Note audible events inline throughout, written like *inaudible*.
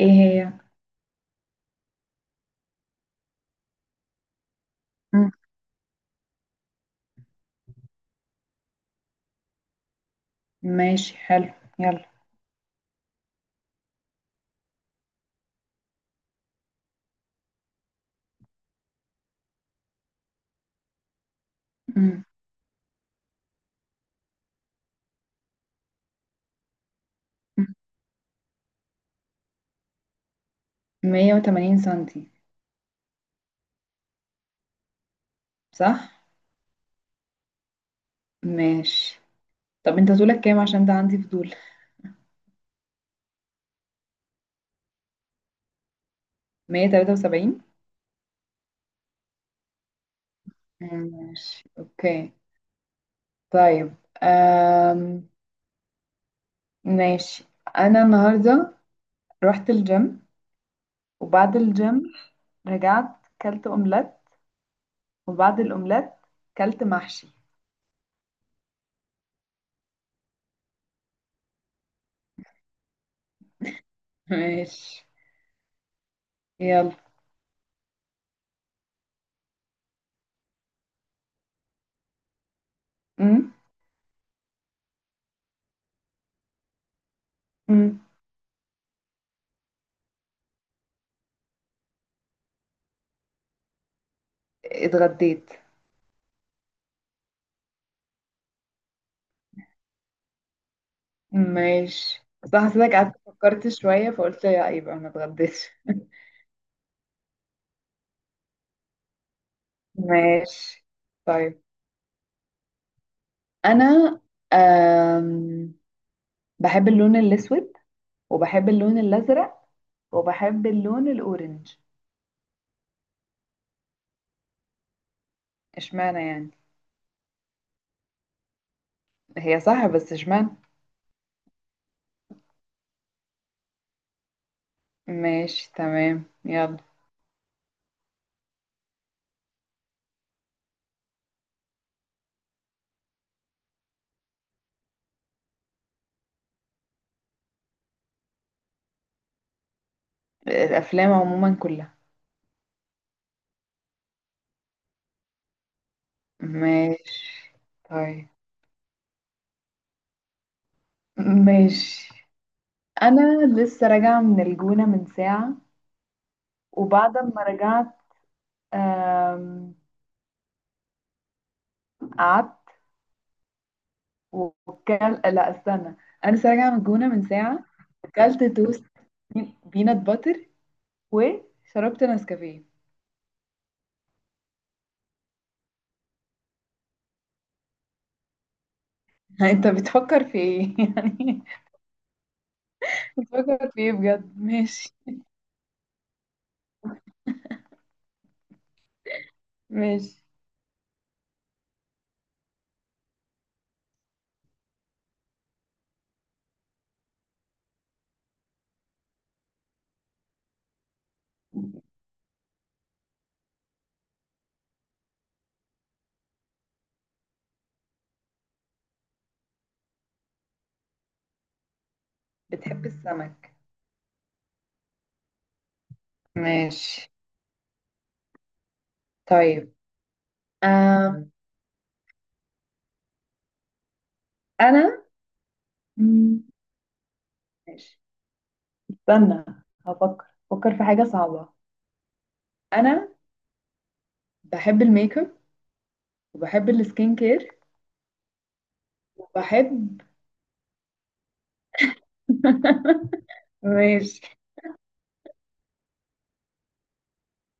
ايه هي؟ مم. ماشي، حلو، يلا. مم. 180 سنتي، صح. ماشي، طب انت طولك كام؟ عشان ده عندي فضول. 173. ماشي، اوكي، طيب. أم... ماشي. انا النهارده رحت الجيم، وبعد الجيم رجعت، كلت اومليت، وبعد الاومليت كلت محشي. ماشي، يلا. مم. مم. اتغديت. ماشي، بس أنا حسيتك قعدت فكرت شوية، فقلت يا يبقى ما اتغديتش. ماشي، طيب. أنا أم... بحب اللون الأسود، وبحب اللون الأزرق، وبحب اللون الأورنج. اشمعنى يعني؟ هي صح، بس اشمعنى؟ ماشي، تمام، يلا. الأفلام عموما كلها؟ ماشي، طيب. ماشي، أنا لسه راجعة من الجونة من ساعة، وبعد ما رجعت أم... قعدت، وكل، لا استنى، انا لسه راجعه من الجونه من ساعه، وكلت توست بينات باتر، وشربت نسكافيه. *laughs* انت بتفكر في ايه؟ *laughs* يعني بتفكر في ايه بجد؟ ماشي. ماشي، بتحب السمك؟ ماشي، طيب. أم. انا، مم، ماشي، استنى، هفكر في حاجه صعبه. انا بحب الميك اب، وبحب السكين كير، وبحب. *laughs* ماشي،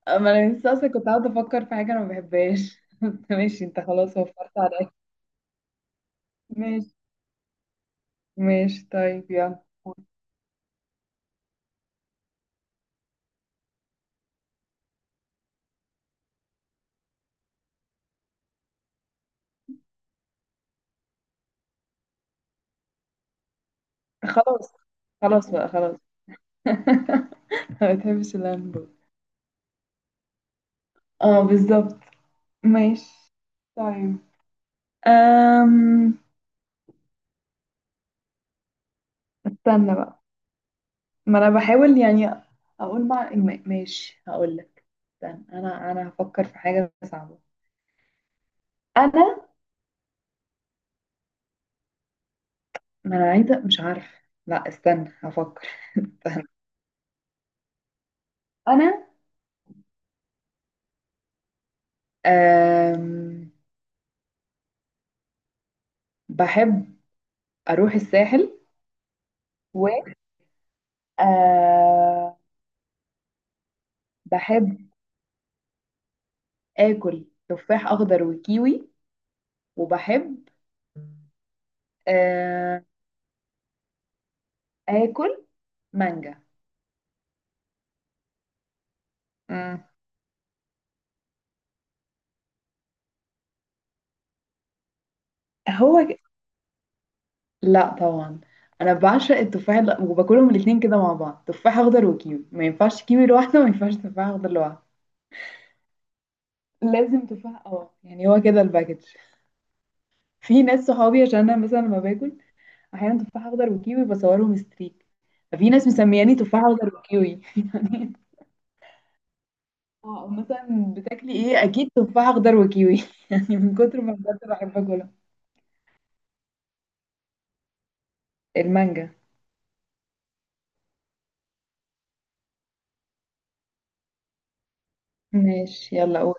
ما انا لسه اصلا كنت قاعده افكر في حاجه انا ما بحبهاش، *laughs* بس ماشي، انت خلاص وفرت عليا. ماشي. ماشي، طيب، يلا. خلاص، خلاص بقى، خلاص. *laughs* ما بتحبش اللامبو؟ اه، بالظبط. ماشي، طيب، أم... استنى بقى. ما انا بحاول يعني اقول مع، ماشي هقول لك. استنى، انا هفكر في حاجه صعبه. انا ما انا عايزه، مش عارفه. لا استنى، هفكر. انا أم... بحب اروح الساحل. و آه بحب اكل تفاح اخضر وكيوي، وبحب آه اكل مانجا. مم. هو ك- لا طبعا، انا بعشق التفاح وباكلهم الاتنين كده مع بعض، تفاح اخضر وكيوي، ما ينفعش كيوي لوحده، وما ينفعش تفاح اخضر لوحده. لازم تفاح، اه يعني هو كده الباكج. في ناس صحابي، عشان انا مثلا لما باكل احيانا تفاح اخضر وكيوي بصورهم ستريك، ففي ناس مسمياني تفاح اخضر وكيوي. اه، مثلا بتاكلي ايه؟ اكيد تفاح اخضر وكيوي. *laughs* يعني من كتر ما بجد بحب اكلها. المانجا. ماشي، يلا قول.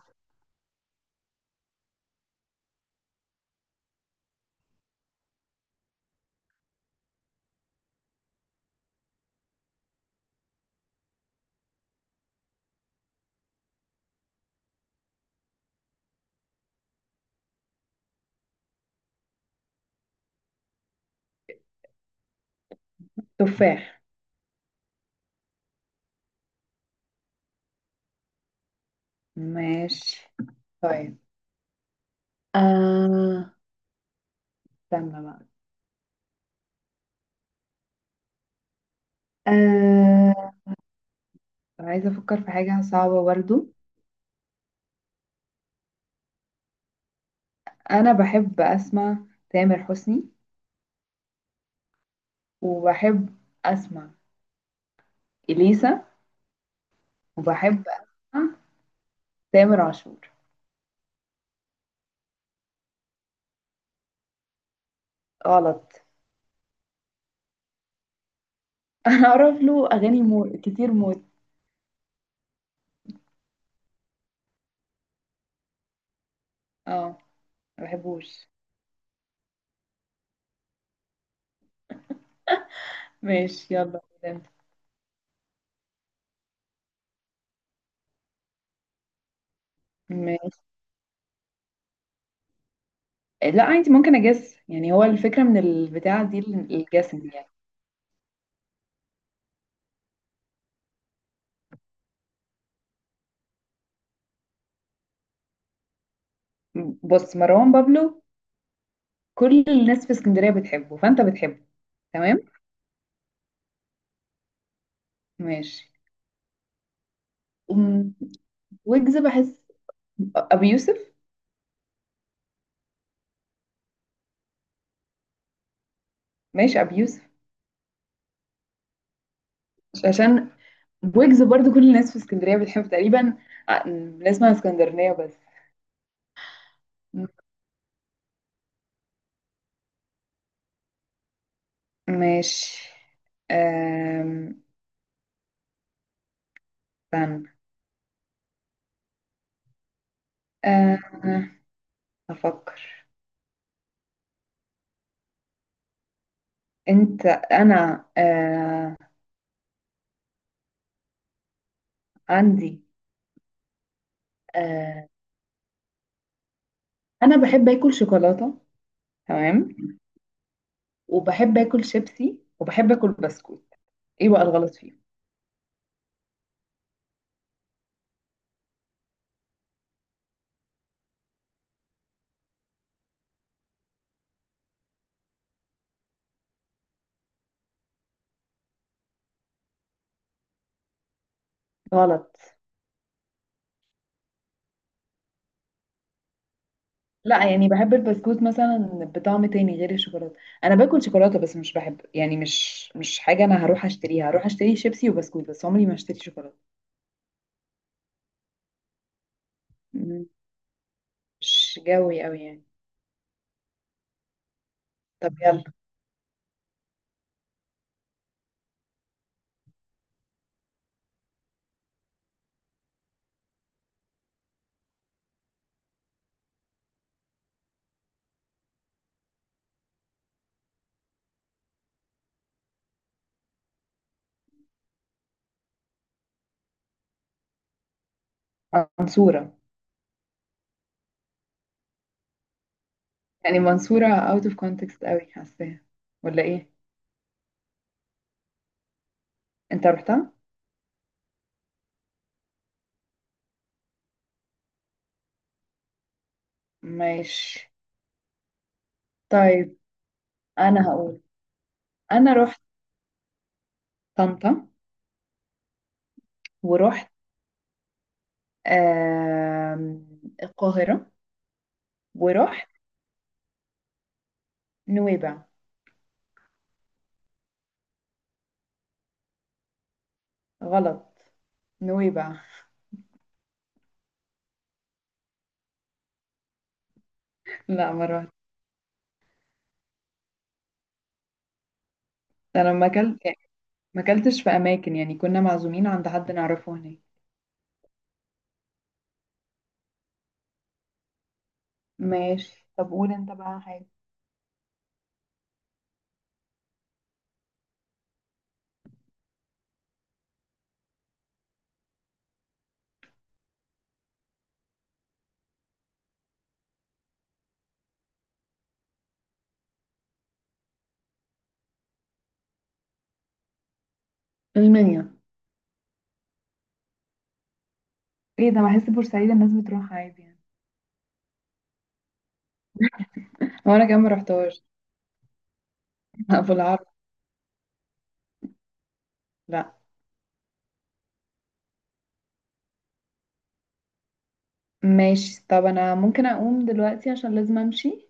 تفاح. ماشي، طيب، آه استنى بقى. آه عايزه افكر في حاجه صعبه برضو. انا بحب اسمع تامر حسني، وبحب اسمع اليسا، وبحب اسمع تامر عاشور. غلط. *laughs* انا اعرف له اغاني كتير موت. اه، ما بحبوش. ماشي، يلا. ماشي. لا عادي، ممكن اجس، يعني هو الفكره من البتاع دي، الجسم دي يعني. بص، مروان بابلو كل الناس في اسكندريه بتحبه، فانت بتحبه، تمام. ماشي، أم، ويجز بحس، ابي يوسف. ماشي، ابي يوسف عشان ويجز برضو كل الناس في اسكندريه بتحبه تقريبا، بنسمع اسكندرانيه بس. ماشي، أم، استنى، أه، افكر. انت انا أه، عندي، آه، انا بحب اكل شوكولاته. تمام، وبحب اكل شيبسي، وبحب اكل بسكوت. ايه بقى الغلط فيه؟ غلط. لا، يعني بحب البسكوت مثلا بطعم تاني غير الشوكولاته. انا باكل شوكولاته، بس مش بحب يعني، مش حاجه انا هروح اشتريها، هروح اشتري شيبسي وبسكوت بس، عمري ما اشتري شوكولاته. م- مش جوي قوي يعني. طب يلا. منصوره؟ يعني منصوره اوت اوف كونتكست قوي، حاساها ولا ايه؟ انت رحتها؟ ماشي، طيب، انا هقول. انا رحت طنطا، ورحت آم، القاهرة، ورحت نويبع. غلط. نويبع. *laughs* لا، ما رحت. انا ما اكلت، ما اكلتش في اماكن، يعني كنا معزومين عند حد نعرفه هناك. ماشي، طب قول انت بقى حاجة. المنيا؟ ايه ده، بحس بورسعيد الناس بتروح عادي يعني. هو انا كمان ما رحتهاش. *laughs* ابو العرب. لا. ماشي، طب انا ممكن اقوم دلوقتي عشان لازم امشي.